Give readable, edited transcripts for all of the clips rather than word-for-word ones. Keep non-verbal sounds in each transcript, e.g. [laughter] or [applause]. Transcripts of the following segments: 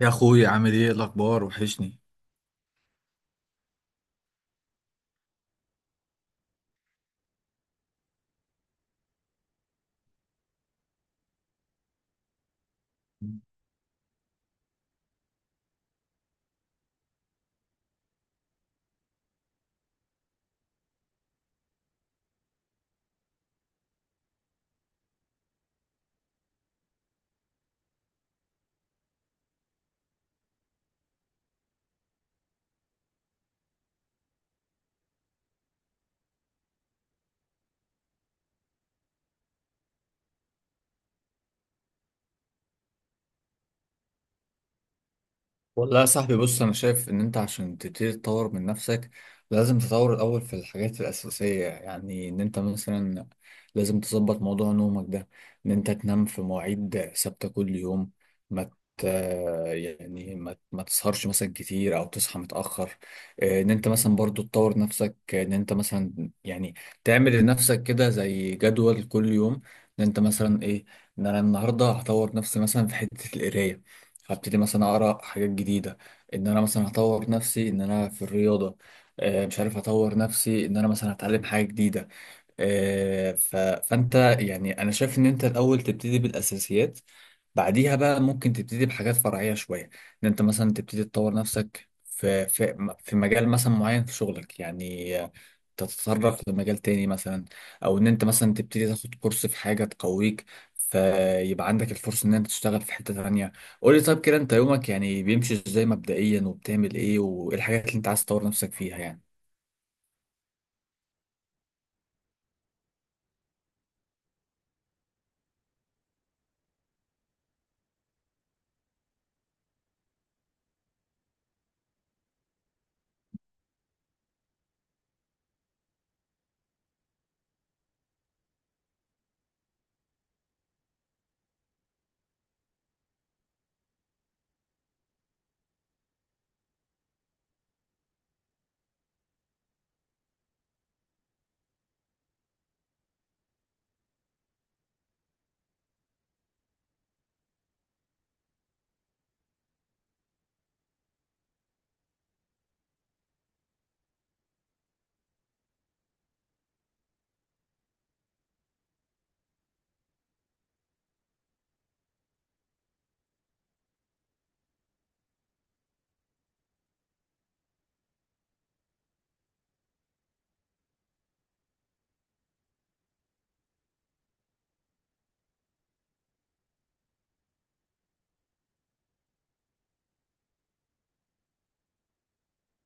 يا اخويا عامل ايه الاخبار؟ وحشني. والله يا صاحبي، بص انا شايف ان انت عشان تبتدي تطور من نفسك لازم تطور الاول في الحاجات الاساسيه. يعني ان انت مثلا لازم تظبط موضوع نومك ده، ان انت تنام في مواعيد ثابته كل يوم. ما ت- يعني ما ما تسهرش مثلا كتير او تصحى متاخر. ان انت مثلا برضو تطور نفسك، ان انت مثلا يعني تعمل لنفسك كده زي جدول كل يوم. ان انت مثلا ايه، ان انا النهارده هطور نفسي مثلا في حته القرايه، هبتدي مثلا اقرا حاجات جديده. ان انا مثلا هطور نفسي ان انا في الرياضه. مش عارف اطور نفسي ان انا مثلا هتعلم حاجه جديده. فانت يعني انا شايف ان انت الاول تبتدي بالاساسيات، بعديها بقى ممكن تبتدي بحاجات فرعيه شويه. ان انت مثلا تبتدي تطور نفسك في مجال مثلا معين في شغلك، يعني تتطرق لمجال تاني مثلا، او ان انت مثلا تبتدي تاخد كورس في حاجه تقويك، فيبقى عندك الفرصه ان انت تشتغل في حته تانيه. قول لي طيب كده، انت يومك يعني بيمشي ازاي مبدئيا، وبتعمل ايه، وايه الحاجات اللي انت عايز تطور نفسك فيها يعني؟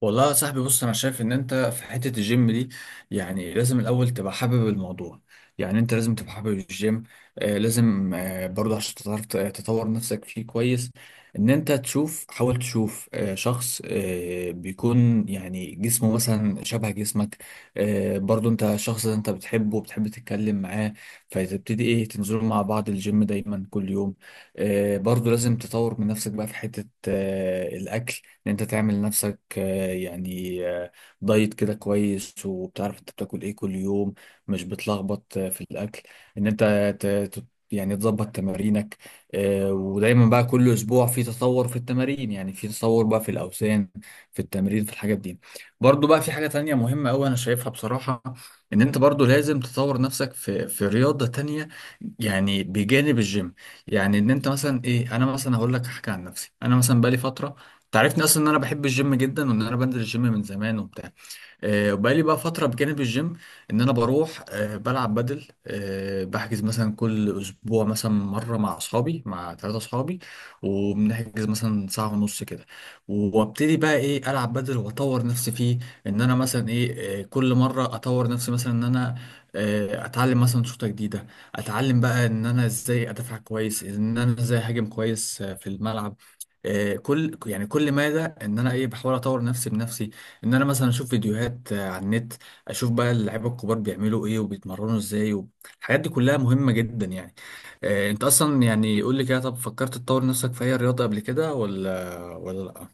والله يا صاحبي، بص انا شايف ان انت في حته الجيم دي يعني لازم الاول تبقى حابب الموضوع، يعني انت لازم تبقى حابب الجيم. آه لازم برضه عشان تعرف تطور نفسك فيه كويس، ان انت تشوف، حاول تشوف شخص بيكون يعني جسمه مثلا شبه جسمك، برضه انت شخص انت بتحبه وبتحب تتكلم معاه، فتبتدي ايه تنزلوا مع بعض الجيم دايما كل يوم. برضه لازم تطور من نفسك بقى في حته الاكل، ان انت تعمل لنفسك دايت كده كويس، وبتعرف انت بتاكل ايه كل يوم، مش بتلخبط في الاكل. ان انت ت- ت- يعني تظبط تمارينك. ودايما بقى كل اسبوع في تطور في التمارين، يعني في تطور بقى في الاوزان، في التمرين، في الحاجات دي. برضو بقى في حاجة تانية مهمة قوي انا شايفها بصراحة، ان انت برضو لازم تطور نفسك في رياضة تانية يعني بجانب الجيم. يعني ان انت مثلا ايه، انا مثلا هقول لك حاجة عن نفسي، انا مثلا بقالي فترة، تعرفني اصلا ان انا بحب الجيم جدا وان انا بنزل الجيم من زمان وبتاع. بقالي بقى فترة بجانب الجيم إن أنا بروح، بلعب بدل. بحجز مثلا كل أسبوع مثلا مرة مع أصحابي، مع ثلاثة أصحابي، وبنحجز مثلا ساعة ونص كده، وأبتدي بقى إيه ألعب بدل وأطور نفسي فيه. إن أنا مثلا إيه، كل مرة أطور نفسي مثلا إن أنا أتعلم مثلا شوطة جديدة، أتعلم بقى إن أنا إزاي أدافع كويس، إن أنا إزاي أهاجم كويس في الملعب. كل يعني كل مادة ان انا ايه بحاول اطور نفسي بنفسي، ان انا مثلا اشوف فيديوهات على النت، اشوف بقى اللعيبه الكبار بيعملوا ايه وبيتمرنوا ازاي و... الحاجات دي كلها مهمه جدا يعني. انت اصلا يعني قول لي كده، طب فكرت تطور نفسك في اي رياضه قبل كده ولا لا؟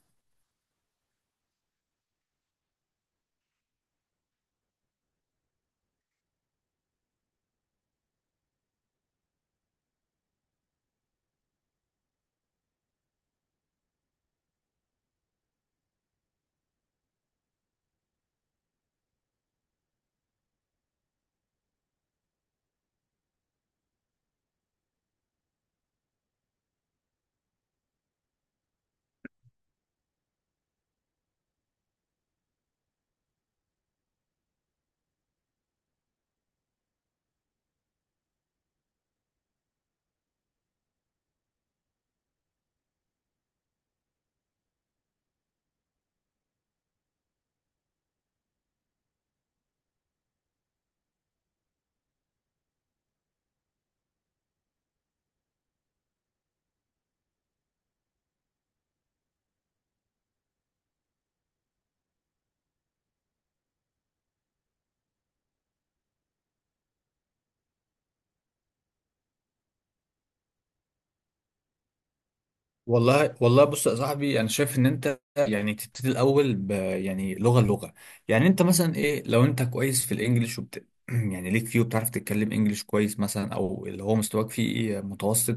والله بص يا صاحبي، انا شايف ان انت يعني تبتدي الاول ب يعني لغه. يعني انت مثلا ايه، لو انت كويس في الانجليش وبت [clears throat] يعني ليك فيه وبتعرف تتكلم انجليش كويس مثلا، او اللي هو مستواك فيه ايه متوسط،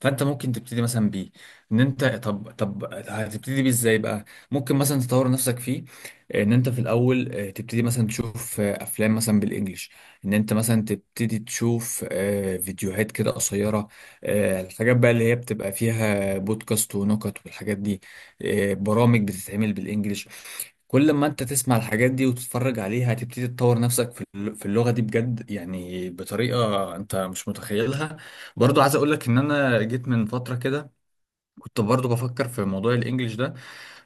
فانت ممكن تبتدي مثلا بيه. ان انت طب هتبتدي بيه ازاي بقى؟ ممكن مثلا تطور نفسك فيه ان انت في الاول تبتدي مثلا تشوف افلام مثلا بالانجليش، ان انت مثلا تبتدي تشوف فيديوهات كده قصيره، الحاجات بقى اللي هي بتبقى فيها بودكاست ونكت والحاجات دي، برامج بتتعمل بالانجلش. كل ما انت تسمع الحاجات دي وتتفرج عليها هتبتدي تطور نفسك في اللغة دي بجد، يعني بطريقة انت مش متخيلها. برضو عايز اقولك ان انا جيت من فترة كده كنت برضو بفكر في موضوع الانجليش ده،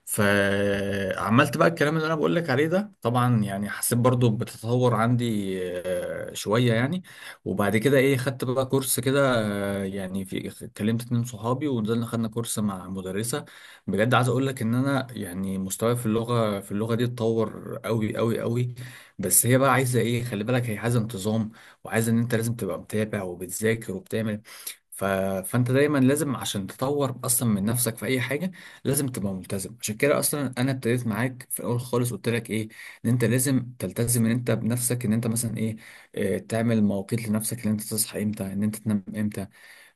فعملت بقى الكلام اللي انا بقول لك عليه ده، طبعا يعني حسيت برضو بتتطور عندي شويه يعني. وبعد كده ايه خدت بقى كورس كده. آه، يعني في كلمت اتنين صحابي ونزلنا خدنا كورس مع مدرسه. بجد عايز اقول لك ان انا يعني مستواي في اللغه دي اتطور قوي قوي قوي. بس هي بقى عايزه ايه، خلي بالك، هي عايزه انتظام، وعايزه ان انت لازم تبقى متابع وبتذاكر وبتعمل. ف... فانت دايما لازم عشان تطور اصلا من نفسك في اي حاجه لازم تبقى ملتزم. عشان كده اصلا انا ابتديت معاك في الاول خالص، قلت لك ايه، ان انت لازم تلتزم ان انت بنفسك. ان انت مثلا ايه، تعمل مواقيت لنفسك، ان انت تصحى امتى، ان انت تنام امتى.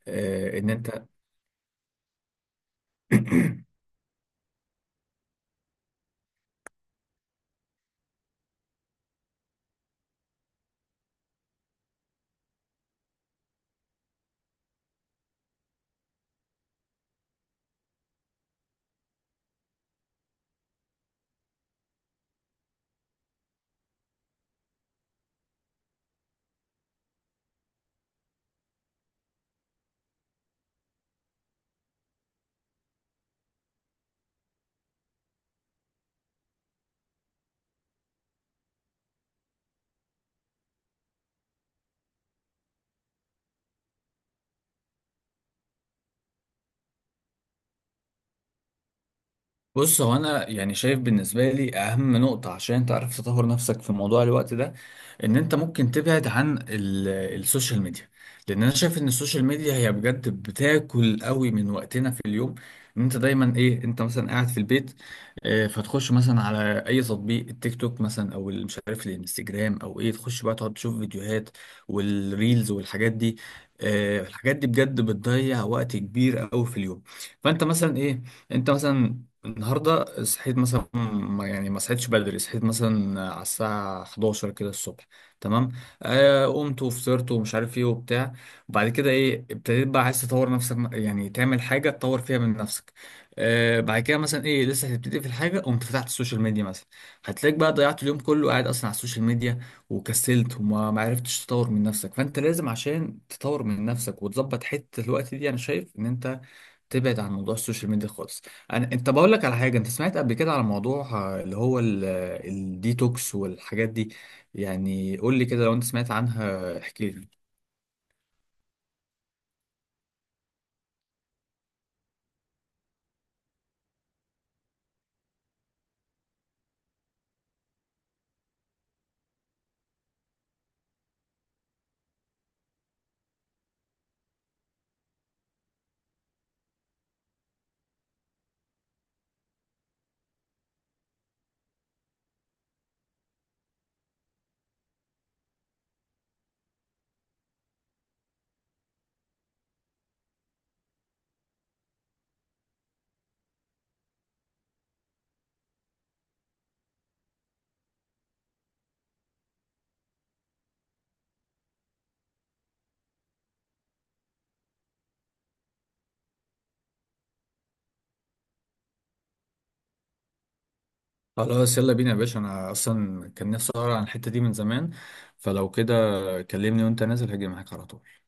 ان انت [clears throat] بص، هو انا يعني شايف بالنسبه لي اهم نقطه عشان تعرف تطور نفسك في موضوع الوقت ده ان انت ممكن تبعد عن السوشيال ميديا، لان انا شايف ان السوشيال ميديا هي بجد بتاكل قوي من وقتنا في اليوم. ان انت دايما ايه، انت مثلا قاعد في البيت، فتخش مثلا على اي تطبيق، التيك توك مثلا، او مش عارف الانستجرام او ايه، تخش بقى تقعد تشوف فيديوهات والريلز والحاجات دي. الحاجات دي بجد بتضيع وقت كبير قوي في اليوم. فانت مثلا ايه، انت مثلا النهارده صحيت مثلا، ما يعني ما صحيتش بدري، صحيت مثلا على الساعة 11 كده الصبح، تمام. آه قمت وفطرت ومش عارف ايه وبتاع. وبعد كده ايه ابتديت بقى عايز تطور نفسك، يعني تعمل حاجة تطور فيها من نفسك. آه بعد كده مثلا ايه، لسه هتبتدي في الحاجة، قمت فتحت السوشيال ميديا مثلا، هتلاقيك بقى ضيعت اليوم كله قاعد اصلا على السوشيال ميديا وكسلت، وما ما عرفتش تطور من نفسك. فانت لازم عشان تطور من نفسك وتظبط حتة الوقت دي انا شايف ان انت تبعد عن موضوع السوشيال ميديا خالص. انت بقول لك على حاجه، انت سمعت قبل كده على موضوع آه، اللي هو ال- آه، الديتوكس والحاجات دي؟ يعني قول لي كده، لو انت سمعت عنها احكي لي. خلاص يلا بينا يا باشا، انا اصلا كان نفسي اقرا عن الحته دي من زمان، فلو كده كلمني وانت نازل هاجي معاك على طول.